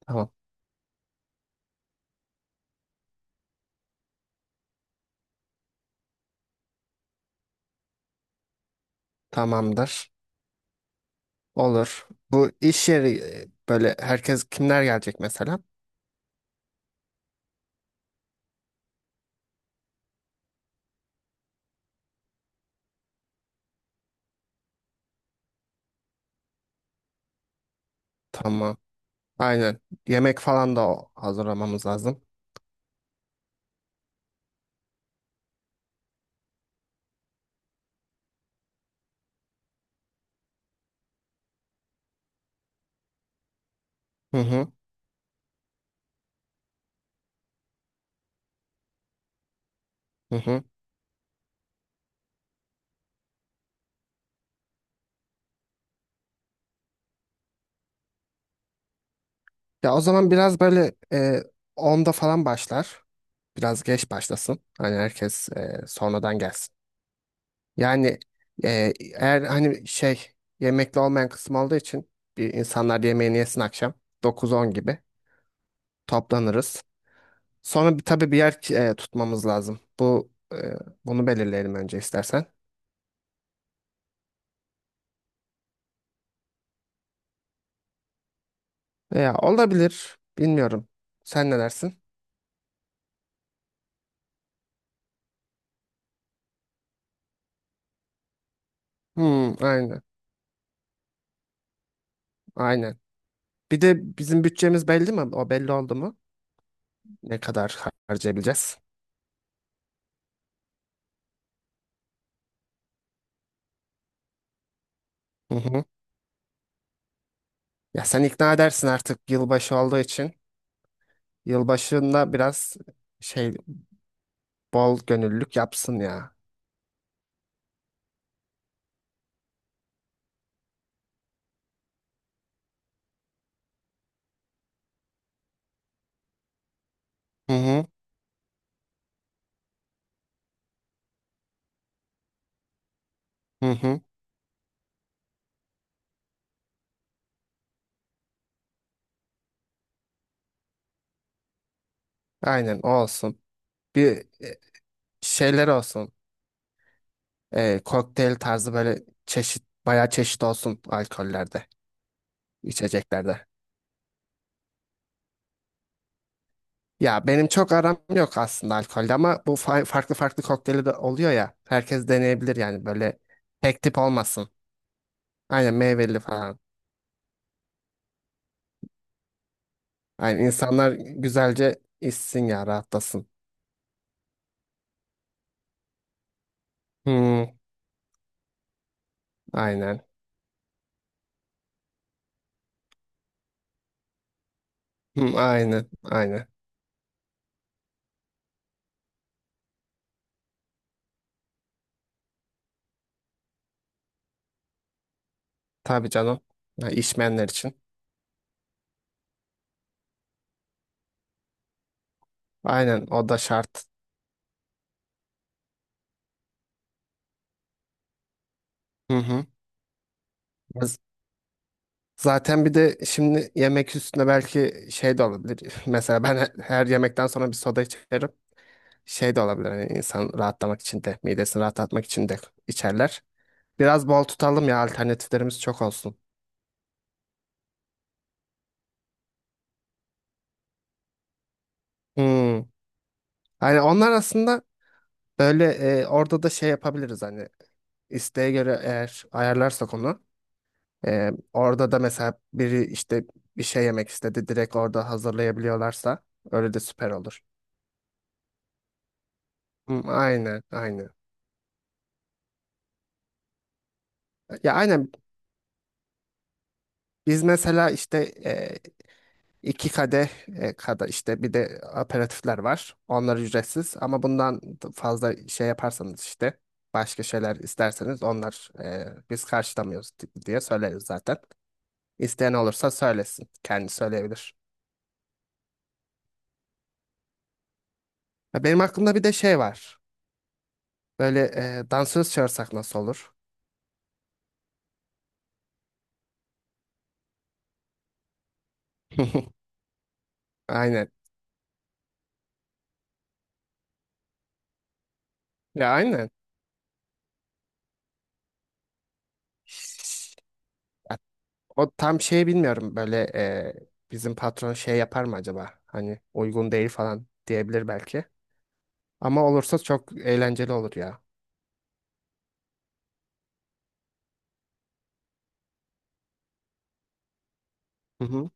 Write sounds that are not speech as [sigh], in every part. Tamam. Tamamdır. Olur. Bu iş yeri böyle herkes kimler gelecek mesela? Tamam. Aynen. Yemek falan da hazırlamamız lazım. Hı hı. Hı hı. Ya o zaman biraz böyle 10'da falan başlar. Biraz geç başlasın. Hani herkes sonradan gelsin. Yani eğer hani şey yemekli olmayan kısım olduğu için bir insanlar yemeğini yesin akşam 9-10 gibi toplanırız. Sonra tabii bir yer tutmamız lazım. Bunu belirleyelim önce istersen. Veya olabilir. Bilmiyorum. Sen ne dersin? Hmm, aynen. Aynen. Bir de bizim bütçemiz belli mi? O belli oldu mu? Ne kadar harcayabileceğiz? Hı hı. Ya sen ikna edersin artık yılbaşı olduğu için. Yılbaşında biraz şey bol gönüllülük yapsın ya. Hı hı. Hı hı. Aynen o olsun. Bir e, şeyler olsun. Kokteyl tarzı böyle çeşit bayağı çeşit olsun alkollerde, içeceklerde. Ya benim çok aram yok aslında alkolde ama bu farklı farklı kokteyli de oluyor ya. Herkes deneyebilir yani böyle tek tip olmasın. Aynen meyveli falan. Aynen insanlar güzelce içsin ya rahatlasın. Hmm, aynen. Hmm, aynen. Aynen. Tabii canım. Ya, içmeyenler için. Aynen o da şart. Hı hı. Zaten bir de şimdi yemek üstüne belki şey de olabilir. [laughs] Mesela ben her yemekten sonra bir soda içerim. Şey de olabilir hani insan rahatlamak için de, midesini rahatlatmak için de içerler. Biraz bol tutalım ya alternatiflerimiz çok olsun. Hmm. Hani onlar aslında böyle orada da şey yapabiliriz hani isteğe göre eğer ayarlarsak onu. Orada da mesela biri işte bir şey yemek istedi direkt orada hazırlayabiliyorlarsa öyle de süper olur. Hmm, aynen aynen. Ya aynen. Biz mesela işte e, iki kadeh kadar işte bir de aperatifler var. Onlar ücretsiz ama bundan fazla şey yaparsanız işte başka şeyler isterseniz onlar biz karşılamıyoruz diye söyleriz zaten. İsteyen olursa söylesin. Kendi söyleyebilir. Ya benim aklımda bir de şey var. Böyle dansöz çağırsak nasıl olur? [laughs] Aynen. Ya aynen. O tam şey bilmiyorum böyle bizim patron şey yapar mı acaba? Hani uygun değil falan diyebilir belki. Ama olursa çok eğlenceli olur ya. Hı hı,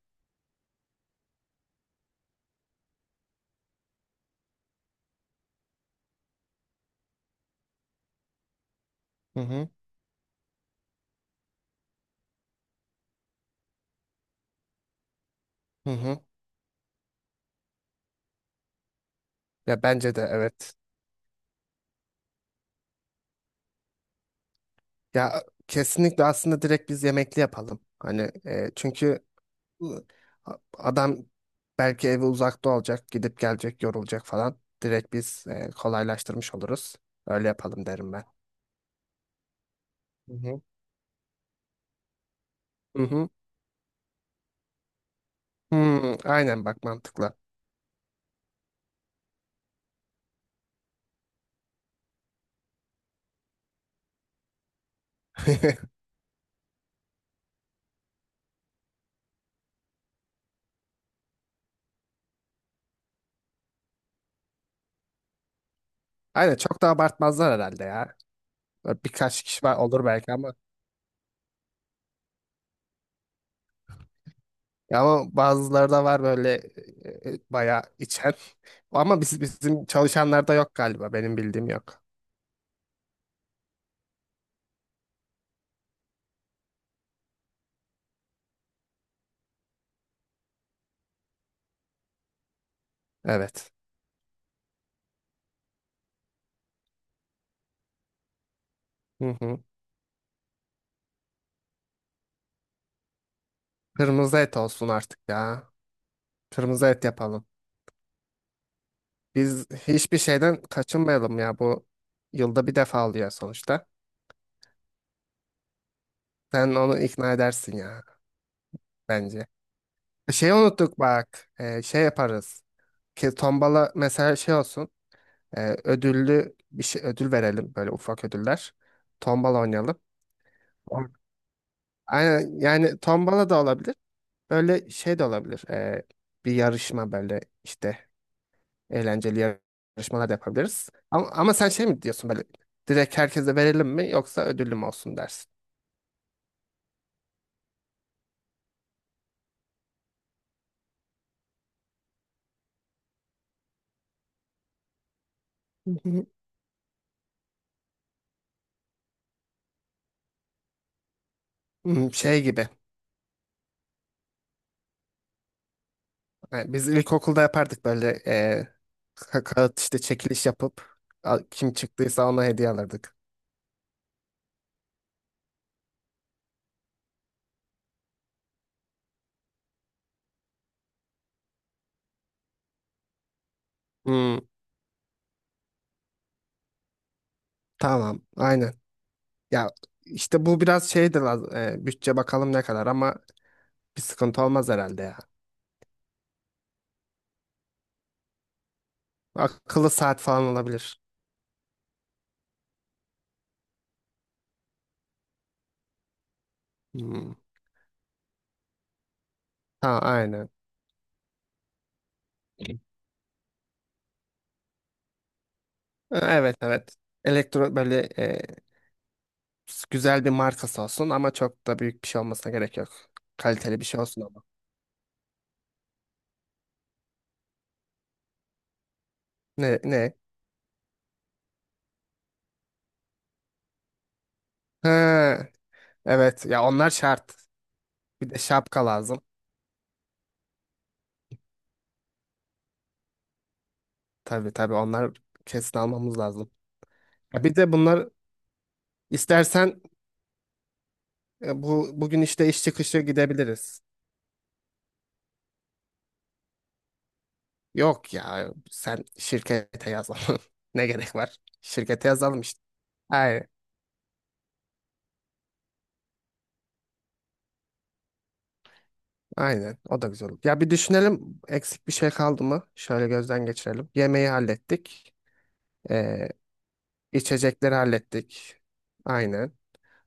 hı hı, hı hı. Ya bence de evet. Ya kesinlikle aslında direkt biz yemekli yapalım. Hani çünkü ı, adam belki evi uzakta olacak, gidip gelecek, yorulacak falan. Direkt biz kolaylaştırmış oluruz. Öyle yapalım derim ben. Hı hı. Hı hı. Hmm, aynen bak mantıklı. [laughs] Aynen çok da abartmazlar herhalde ya. Böyle birkaç kişi var, olur belki ama. Ya ama bazıları da var böyle bayağı içen. Ama bizim çalışanlarda yok galiba. Benim bildiğim yok. Evet. Hı hı. Kırmızı et olsun artık ya. Kırmızı et yapalım. Biz hiçbir şeyden kaçınmayalım ya. Bu yılda bir defa oluyor sonuçta. Sen onu ikna edersin ya bence. Şey unuttuk bak. E, şey yaparız. Ki tombala mesela şey olsun. Ödüllü bir şey ödül verelim böyle ufak ödüller. Tombala oynayalım. Tamam. Aynen, yani tombala da olabilir. Böyle şey de olabilir. Bir yarışma böyle işte eğlenceli yarışmalar da yapabiliriz. Ama sen şey mi diyorsun böyle direkt herkese verelim mi yoksa ödüllü mü olsun dersin? Hı hı. Hmm, şey gibi. Yani biz ilkokulda yapardık böyle kağıt işte çekiliş yapıp kim çıktıysa ona hediye alırdık. Hmm, tamam. Aynen. Ya işte bu biraz şeydir bütçe bakalım ne kadar ama bir sıkıntı olmaz herhalde ya. Akıllı saat falan olabilir. Hmm. Ha, aynen. E, Evet, evet. Böyle güzel bir markası olsun ama çok da büyük bir şey olmasına gerek yok. Kaliteli bir şey olsun ama. Ne ne? Ha, evet ya onlar şart. Bir de şapka lazım. Tabii tabii onlar kesin almamız lazım. Ya bir de bunlar istersen bugün işte iş çıkışı gidebiliriz. Yok ya sen şirkete yazalım. [laughs] Ne gerek var? Şirkete yazalım işte. Aynen. Aynen. O da güzel olur. Ya bir düşünelim eksik bir şey kaldı mı? Şöyle gözden geçirelim. Yemeği hallettik. Ee, içecekleri hallettik. Aynen.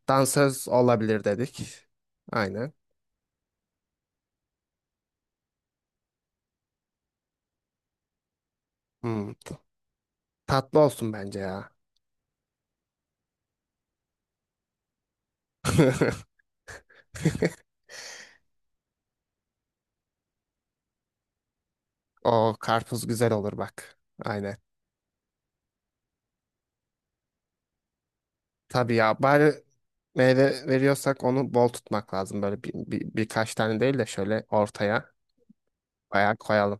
Dansöz olabilir dedik. Aynen. Hmm. Tatlı olsun bence ya. [laughs] O karpuz güzel olur bak. Aynen. Tabii ya bari meyve veriyorsak onu bol tutmak lazım. Böyle birkaç tane değil de şöyle ortaya. Bayağı koyalım.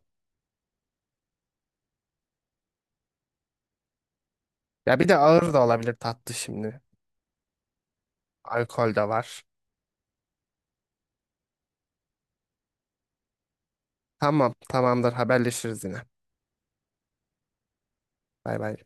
Ya bir de ağır da olabilir tatlı şimdi. Alkol de var. Tamam, tamamdır. Haberleşiriz yine. Bay bay.